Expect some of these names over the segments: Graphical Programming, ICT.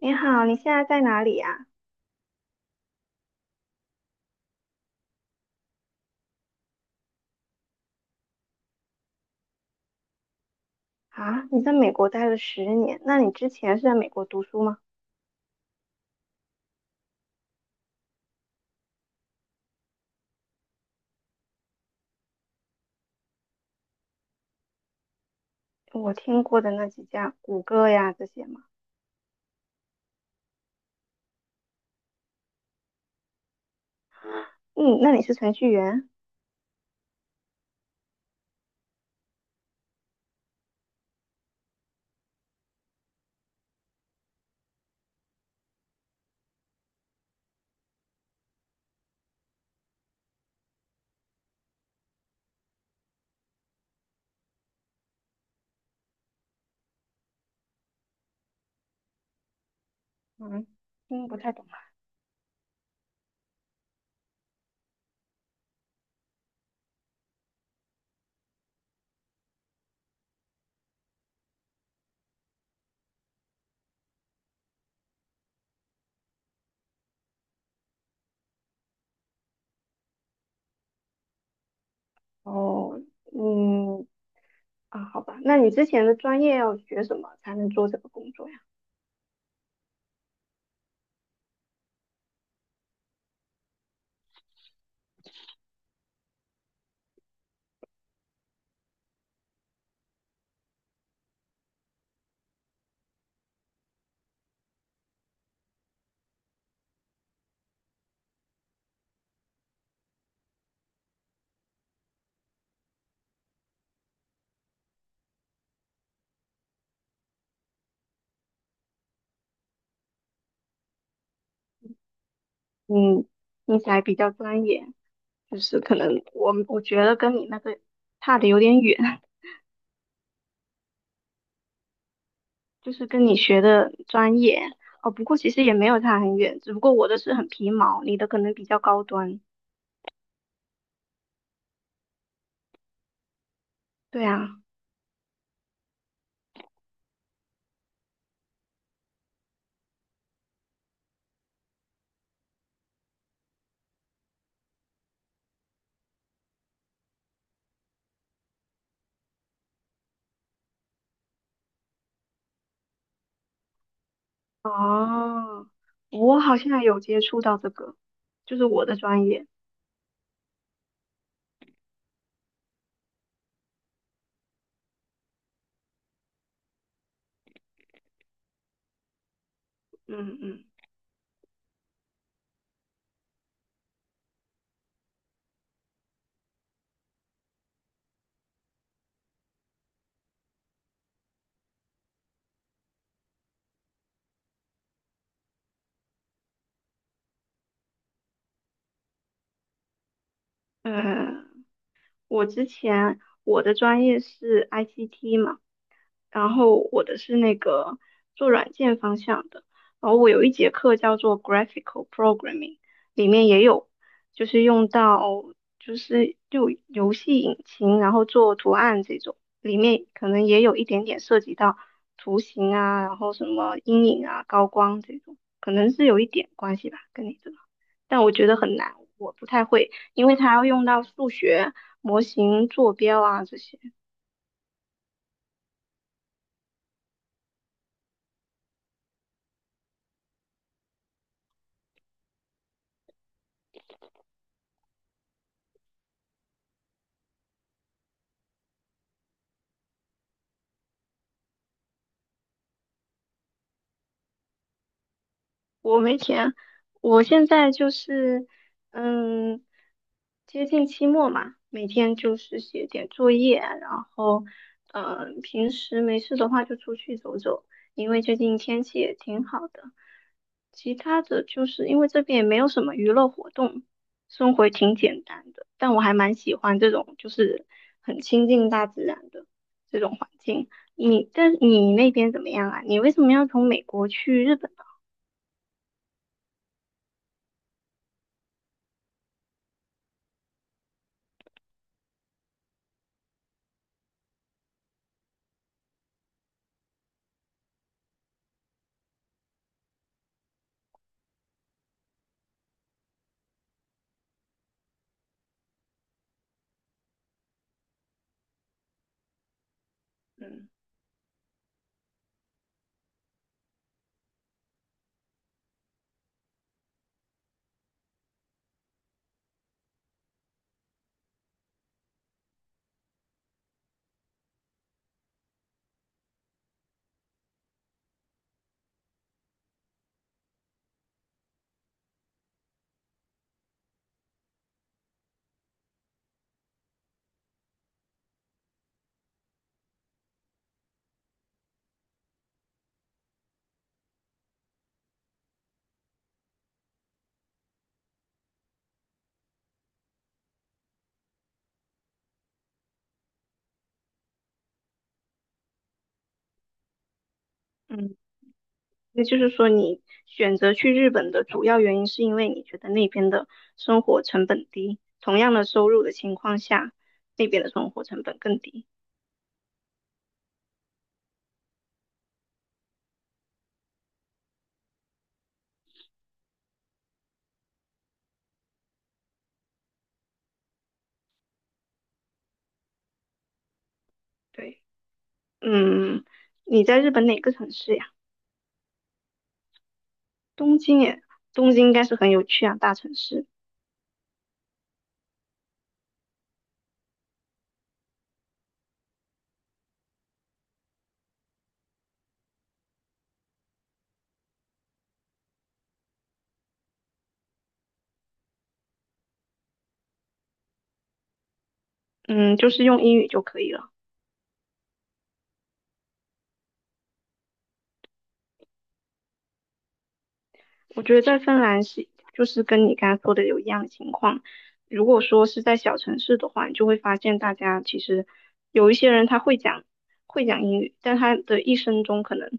你好，你现在在哪里呀？啊，你在美国待了十年，那你之前是在美国读书吗？我听过的那几家，谷歌呀这些嘛。嗯，那你是程序员？嗯，听不太懂啊。哦，嗯，啊，好吧，那你之前的专业要学什么才能做这个工作呀？嗯，听起来比较专业，就是可能我觉得跟你那个差的有点远。就是跟你学的专业哦。不过其实也没有差很远，只不过我的是很皮毛，你的可能比较高端。对啊，哦，我好像有接触到这个，就是我的专业。嗯嗯，呃，我之前我的专业是 ICT 嘛。然后我的是那个做软件方向的，然后我有一节课叫做 Graphical Programming，里面也有就是用到就游戏引擎，然后做图案这种，里面可能也有一点点涉及到图形啊，然后什么阴影啊、高光这种，可能是有一点关系吧，跟你这个，但我觉得很难，我不太会，因为它要用到数学模型、坐标啊这些。我没钱，我现在就是嗯，接近期末嘛，每天就是写点作业，然后嗯，平时没事的话就出去走走，因为最近天气也挺好的。其他的就是因为这边也没有什么娱乐活动，生活也挺简单的，但我还蛮喜欢这种就是很亲近大自然的这种环境。你，但你那边怎么样啊？你为什么要从美国去日本呢？嗯。那就是说，你选择去日本的主要原因是因为你觉得那边的生活成本低，同样的收入的情况下，那边的生活成本更低。对，嗯，你在日本哪个城市呀？东京耶，东京应该是很有趣啊，大城市。嗯，就是用英语就可以了。我觉得在芬兰是就是跟你刚才说的有一样的情况。如果说是在小城市的话，你就会发现大家其实有一些人他会讲英语，但他的一生中可能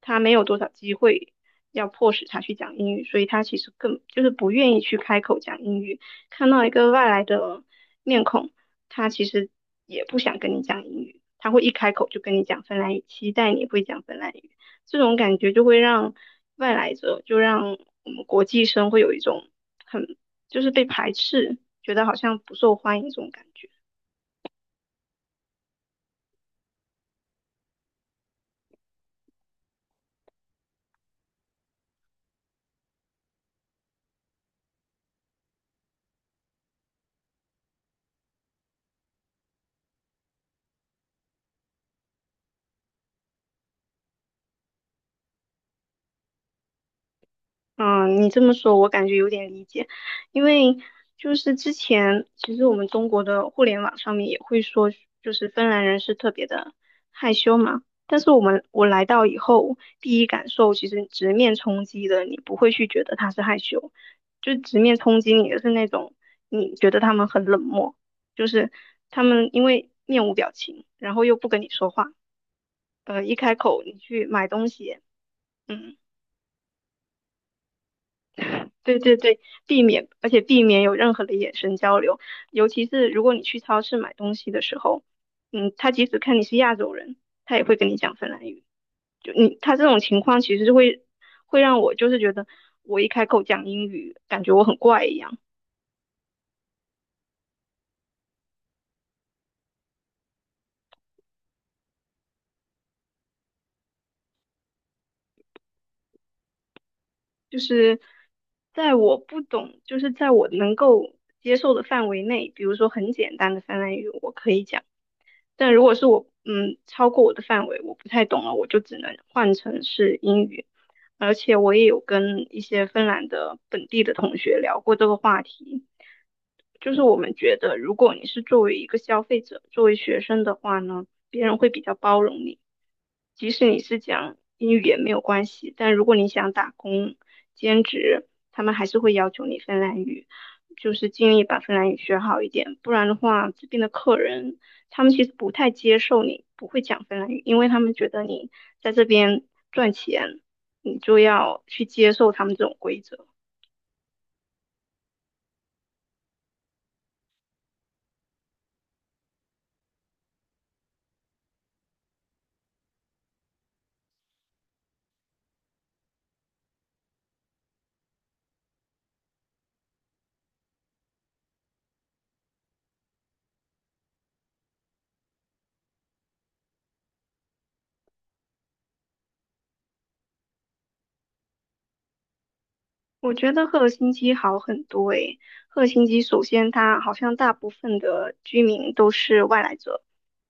他没有多少机会要迫使他去讲英语，所以他其实更就是不愿意去开口讲英语。看到一个外来的面孔，他其实也不想跟你讲英语，他会一开口就跟你讲芬兰语，期待你会讲芬兰语。这种感觉就会让外来者，就让我们国际生会有一种很就是被排斥，觉得好像不受欢迎这种感觉。嗯，你这么说，我感觉有点理解，因为就是之前其实我们中国的互联网上面也会说，就是芬兰人是特别的害羞嘛。但是我来到以后，第一感受其实直面冲击的，你不会去觉得他是害羞，就直面冲击你的是那种你觉得他们很冷漠，就是他们因为面无表情，然后又不跟你说话，一开口你去买东西，嗯。对对对，避免，而且避免有任何的眼神交流，尤其是如果你去超市买东西的时候，嗯，他即使看你是亚洲人，他也会跟你讲芬兰语。就你，他这种情况其实是会让我就是觉得我一开口讲英语，感觉我很怪一样。就是在我不懂，就是在我能够接受的范围内，比如说很简单的芬兰语我可以讲，但如果是我，嗯，超过我的范围，我不太懂了，我就只能换成是英语。而且我也有跟一些芬兰的本地的同学聊过这个话题，就是我们觉得，如果你是作为一个消费者，作为学生的话呢，别人会比较包容你，即使你是讲英语也没有关系，但如果你想打工、兼职，他们还是会要求你芬兰语，就是尽力把芬兰语学好一点，不然的话，这边的客人他们其实不太接受你不会讲芬兰语，因为他们觉得你在这边赚钱，你就要去接受他们这种规则。我觉得赫尔辛基好很多诶。赫尔辛基首先，它好像大部分的居民都是外来者，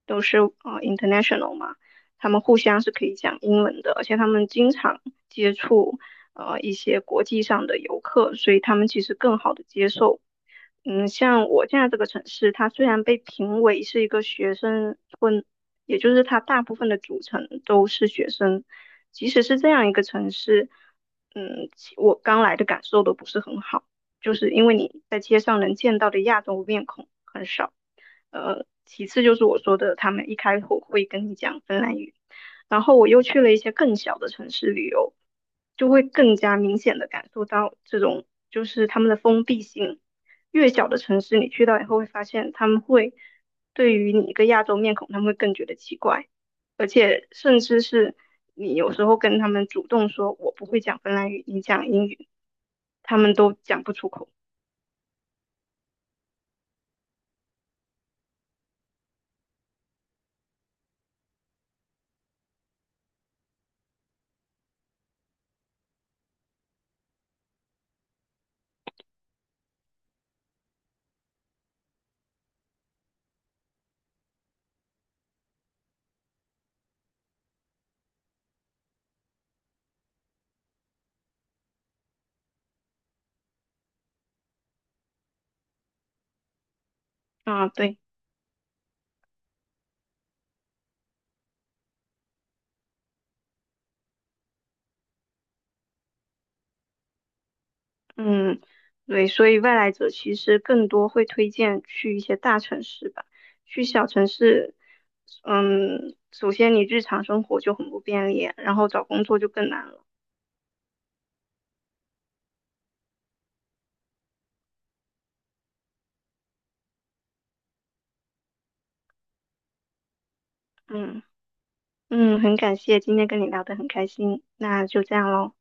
都是international 嘛，他们互相是可以讲英文的，而且他们经常接触一些国际上的游客，所以他们其实更好的接受。嗯，像我现在这个城市，它虽然被评为是一个学生村，也就是它大部分的组成都是学生。即使是这样一个城市，嗯，我刚来的感受都不是很好，就是因为你在街上能见到的亚洲面孔很少。呃，其次就是我说的，他们一开口会跟你讲芬兰语，然后我又去了一些更小的城市旅游，就会更加明显的感受到这种就是他们的封闭性。越小的城市，你去到以后会发现他们会对于你一个亚洲面孔，他们会更觉得奇怪，而且甚至是你有时候跟他们主动说我不会讲芬兰语，你讲英语，他们都讲不出口啊。对，嗯，对，所以外来者其实更多会推荐去一些大城市吧，去小城市，嗯，首先你日常生活就很不便利，然后找工作就更难了。嗯嗯，很感谢今天跟你聊得很开心，那就这样喽。